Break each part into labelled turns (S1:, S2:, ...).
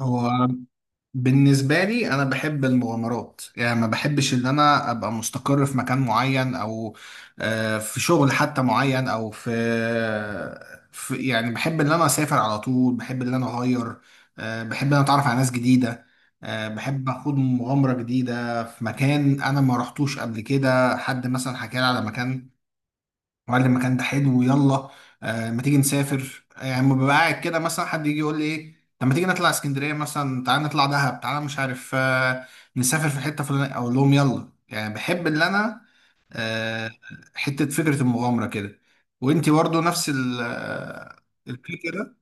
S1: هو بالنسبة لي أنا بحب المغامرات، يعني ما بحبش إن أنا أبقى مستقر في مكان معين، أو في شغل حتى معين، أو في يعني، بحب إن أنا أسافر على طول، بحب إن أنا أغير، بحب إن أنا أتعرف على ناس جديدة، بحب أخوض مغامرة جديدة في مكان أنا ما رحتوش قبل كده. حد مثلا حكى لي على مكان وقال لي المكان ده حلو، يلا ما تيجي نسافر. يعني لما ببقى قاعد كده مثلا حد يجي يقول لي ايه، طب ما تيجي نطلع اسكندريه مثلا، تعالى نطلع دهب، تعالى مش عارف نسافر في حته فلانيه، اقول لهم يلا. يعني بحب اللي انا آه حته فكره المغامره كده. وانتي برضو نفس الفكره؟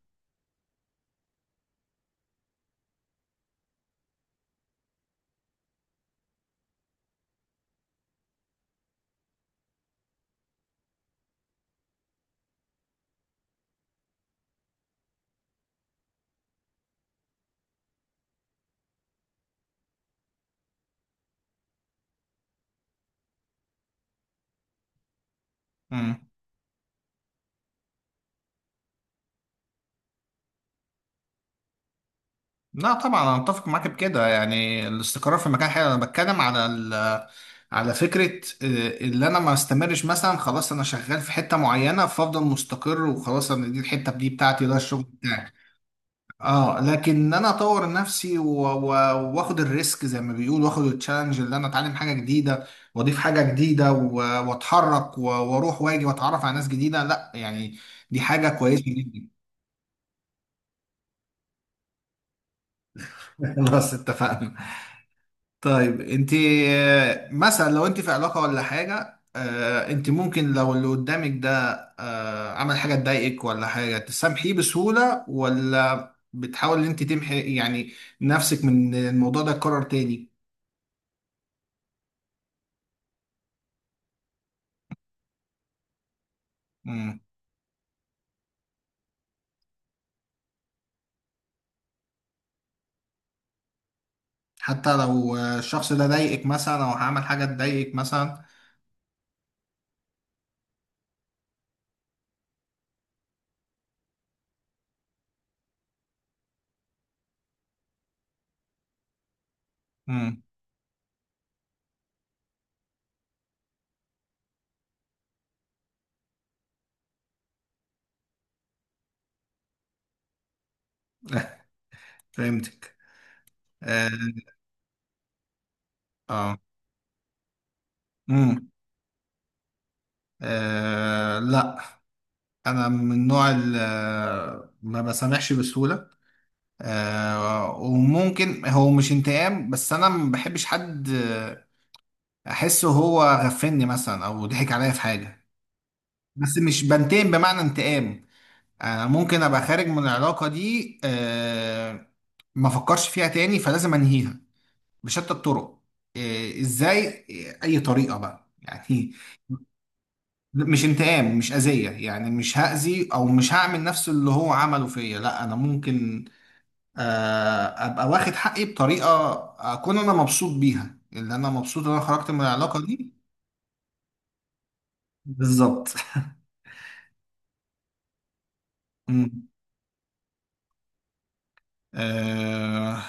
S1: مم. لا طبعا انا متفق معاك بكده، يعني الاستقرار في مكان حلو. انا بتكلم على فكرة، اللي انا ما استمرش مثلا، خلاص انا شغال في حتة معينة فافضل مستقر وخلاص، انا دي الحتة دي بتاعتي، ده الشغل بتاعي. اه لكن ان انا اطور نفسي واخد الريسك زي ما بيقول، واخد التشالنج، اللي انا اتعلم حاجة جديدة واضيف حاجة جديدة واتحرك واروح واجي واتعرف على ناس جديدة، لا يعني دي حاجة كويسة جدا. خلاص اتفقنا. طيب انت، مثلا لو انت في علاقة ولا حاجة، انت ممكن لو اللي قدامك ده عمل حاجة تضايقك ولا حاجة، تسامحيه بسهولة، ولا بتحاول ان انت تمحي يعني نفسك من الموضوع ده يتكرر تاني؟ مم. حتى لو الشخص ده ضايقك مثلا، او عمل حاجة تضايقك مثلا؟ مم. فهمتك. اه. اه. مم. لا، انا من النوع اللي ما بسامحش بسهولة. وممكن هو مش انتقام، بس انا ما بحبش حد احسه هو غفلني مثلا، او ضحك عليا في حاجه. بس مش بنتقم بمعنى انتقام. انا ممكن ابقى خارج من العلاقه دي، ما افكرش فيها تاني، فلازم انهيها بشتى الطرق. ازاي؟ اي طريقه بقى يعني. مش انتقام، مش اذيه يعني، مش هاذي، او مش هعمل نفس اللي هو عمله فيا. لا، انا ممكن ابقى واخد حقي بطريقه اكون انا مبسوط بيها، اللي انا مبسوط ان انا خرجت من العلاقه دي. بالظبط. مم. آه،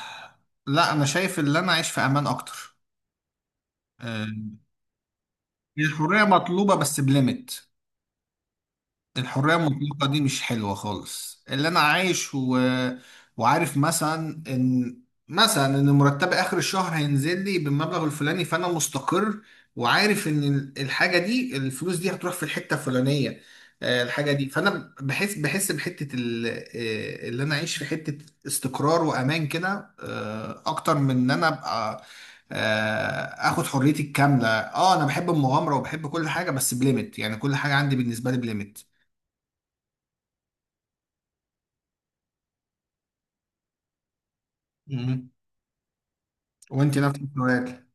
S1: لا، انا شايف ان انا اعيش في امان اكتر. آه، الحريه مطلوبه بس بليميت. الحرية المطلقة دي مش حلوة خالص. اللي أنا عايش وعارف مثلا إن مرتبي آخر الشهر هينزل لي بالمبلغ الفلاني، فأنا مستقر. وعارف إن الحاجة دي، الفلوس دي هتروح في الحتة الفلانية الحاجة دي. فأنا بحس بحتة ال... آه، اللي أنا أعيش في حتة استقرار وأمان كده، أكتر من إن أنا أبقى اخد حريتي الكامله. اه انا بحب المغامره وبحب كل حاجه بس بليمت، يعني كل حاجه عندي بالنسبه لي بليمت. مم. وانت نفس السؤال؟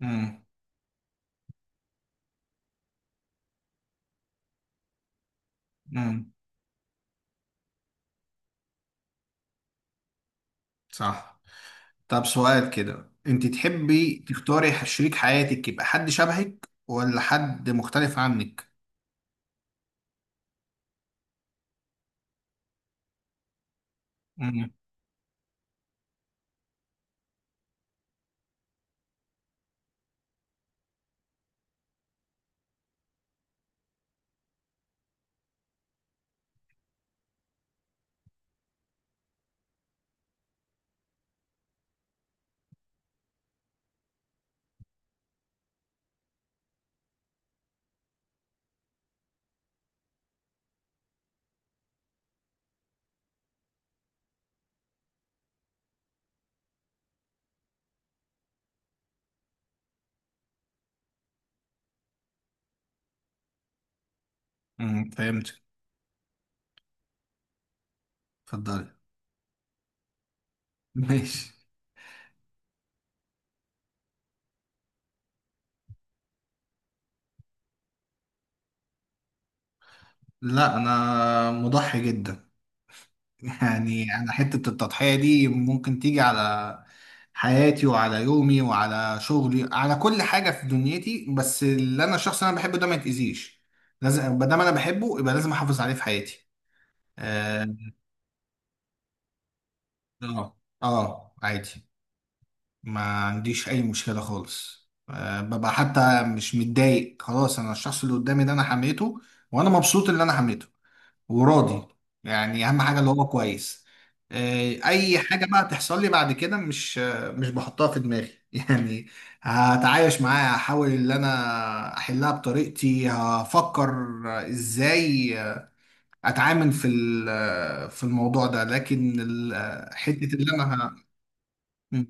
S1: مم. مم. صح. طب سؤال كده، انت تحبي تختاري شريك حياتك يبقى حد شبهك ولا حد مختلف عنك؟ مم. مم. فهمت. اتفضلي. ماشي. لا، انا مضحي جدا. يعني انا حتة التضحية دي ممكن تيجي على حياتي وعلى يومي وعلى شغلي، على كل حاجة في دنيتي، بس اللي انا الشخص اللي انا بحبه ده ما يتأذيش. لازم ما دام انا بحبه يبقى لازم احافظ عليه في حياتي. اه. اه عادي. ما عنديش اي مشكلة خالص. آه ببقى حتى مش متضايق خلاص. انا الشخص اللي قدامي ده انا حميته. وانا مبسوط اللي انا حميته، وراضي. يعني اهم حاجه اللي هو كويس. اي حاجه بقى تحصل لي بعد كده مش بحطها في دماغي يعني. هتعايش معاها، هحاول ان انا احلها بطريقتي. هفكر ازاي اتعامل في الموضوع ده. لكن حته اللي انا ه-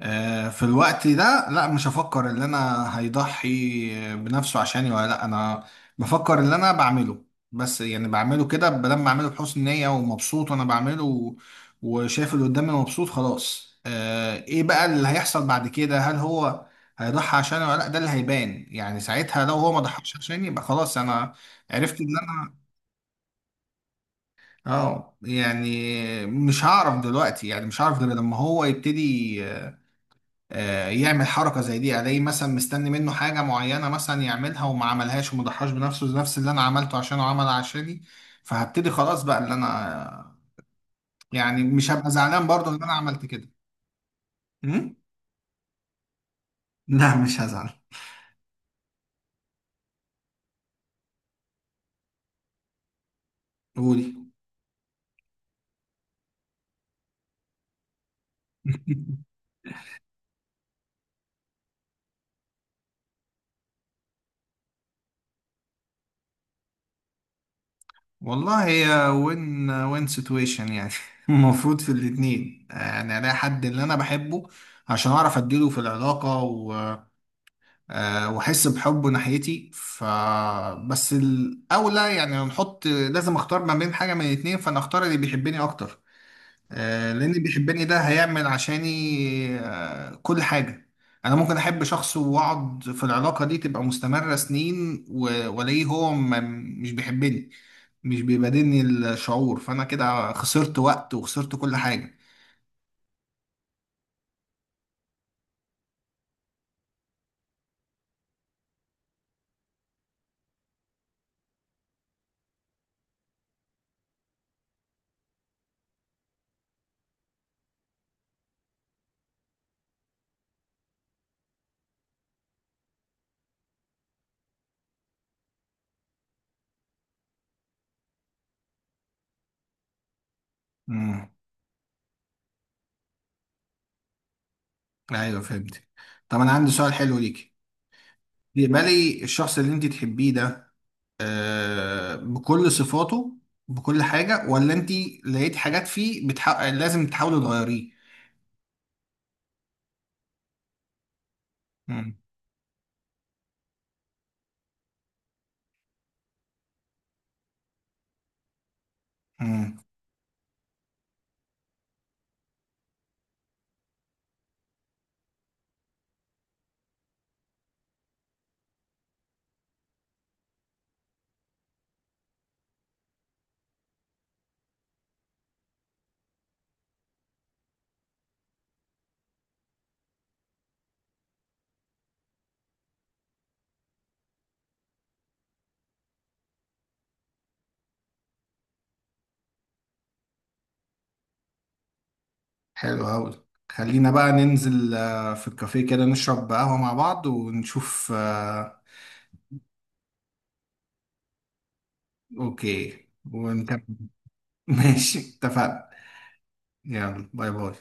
S1: في الوقت ده، لا مش هفكر ان انا هيضحي بنفسه عشاني ولا لا. انا بفكر اللي انا بعمله، بس يعني بعمله كده بدل ما اعمله، بحسن نية ومبسوط وانا بعمله وشايف اللي قدامي مبسوط خلاص. ايه بقى اللي هيحصل بعد كده، هل هو هيضحي عشاني ولا لا؟ ده اللي هيبان يعني ساعتها. لو هو ما ضحاش عشاني يبقى خلاص انا عرفت ان انا. اه، يعني مش هعرف دلوقتي، يعني مش هعرف غير لما هو يبتدي يعمل حركة زي دي. يعني الاقيه مثلا مستني منه حاجة معينة مثلا يعملها وما عملهاش وما ضحاش بنفسه نفس اللي انا عملته عشانه عمل عشاني. فهبتدي خلاص بقى اللي انا، يعني مش هبقى زعلان برضه ان انا عملت كده. أمم؟ لا مش هزعل. قولي. والله هي وين وين سيتويشن يعني. المفروض في الاتنين، يعني الاقي حد اللي انا بحبه عشان اعرف اديله في العلاقة و... واحس بحبه ناحيتي، بس الاولى يعني، هنحط لازم اختار ما بين حاجه من الاتنين، فانا اختار اللي بيحبني اكتر. لان اللي بيحبني ده هيعمل عشاني كل حاجه. انا ممكن احب شخص واقعد في العلاقه دي تبقى مستمره سنين والاقيه هو مش بيحبني، مش بيبادلني الشعور، فانا كده خسرت وقت وخسرت كل حاجه. امم. ايوه فهمت. طب انا عندي سؤال حلو ليكي. بيمالي الشخص اللي انت تحبيه ده بكل صفاته، بكل حاجة، ولا انت لقيت حاجات فيه لازم تحاولي تغيريه؟ مم. مم. حلو أوي. خلينا بقى ننزل في الكافيه كده نشرب قهوة مع بعض ونشوف. اوكي. ونكمل ماشي، اتفقنا. يلا باي باي.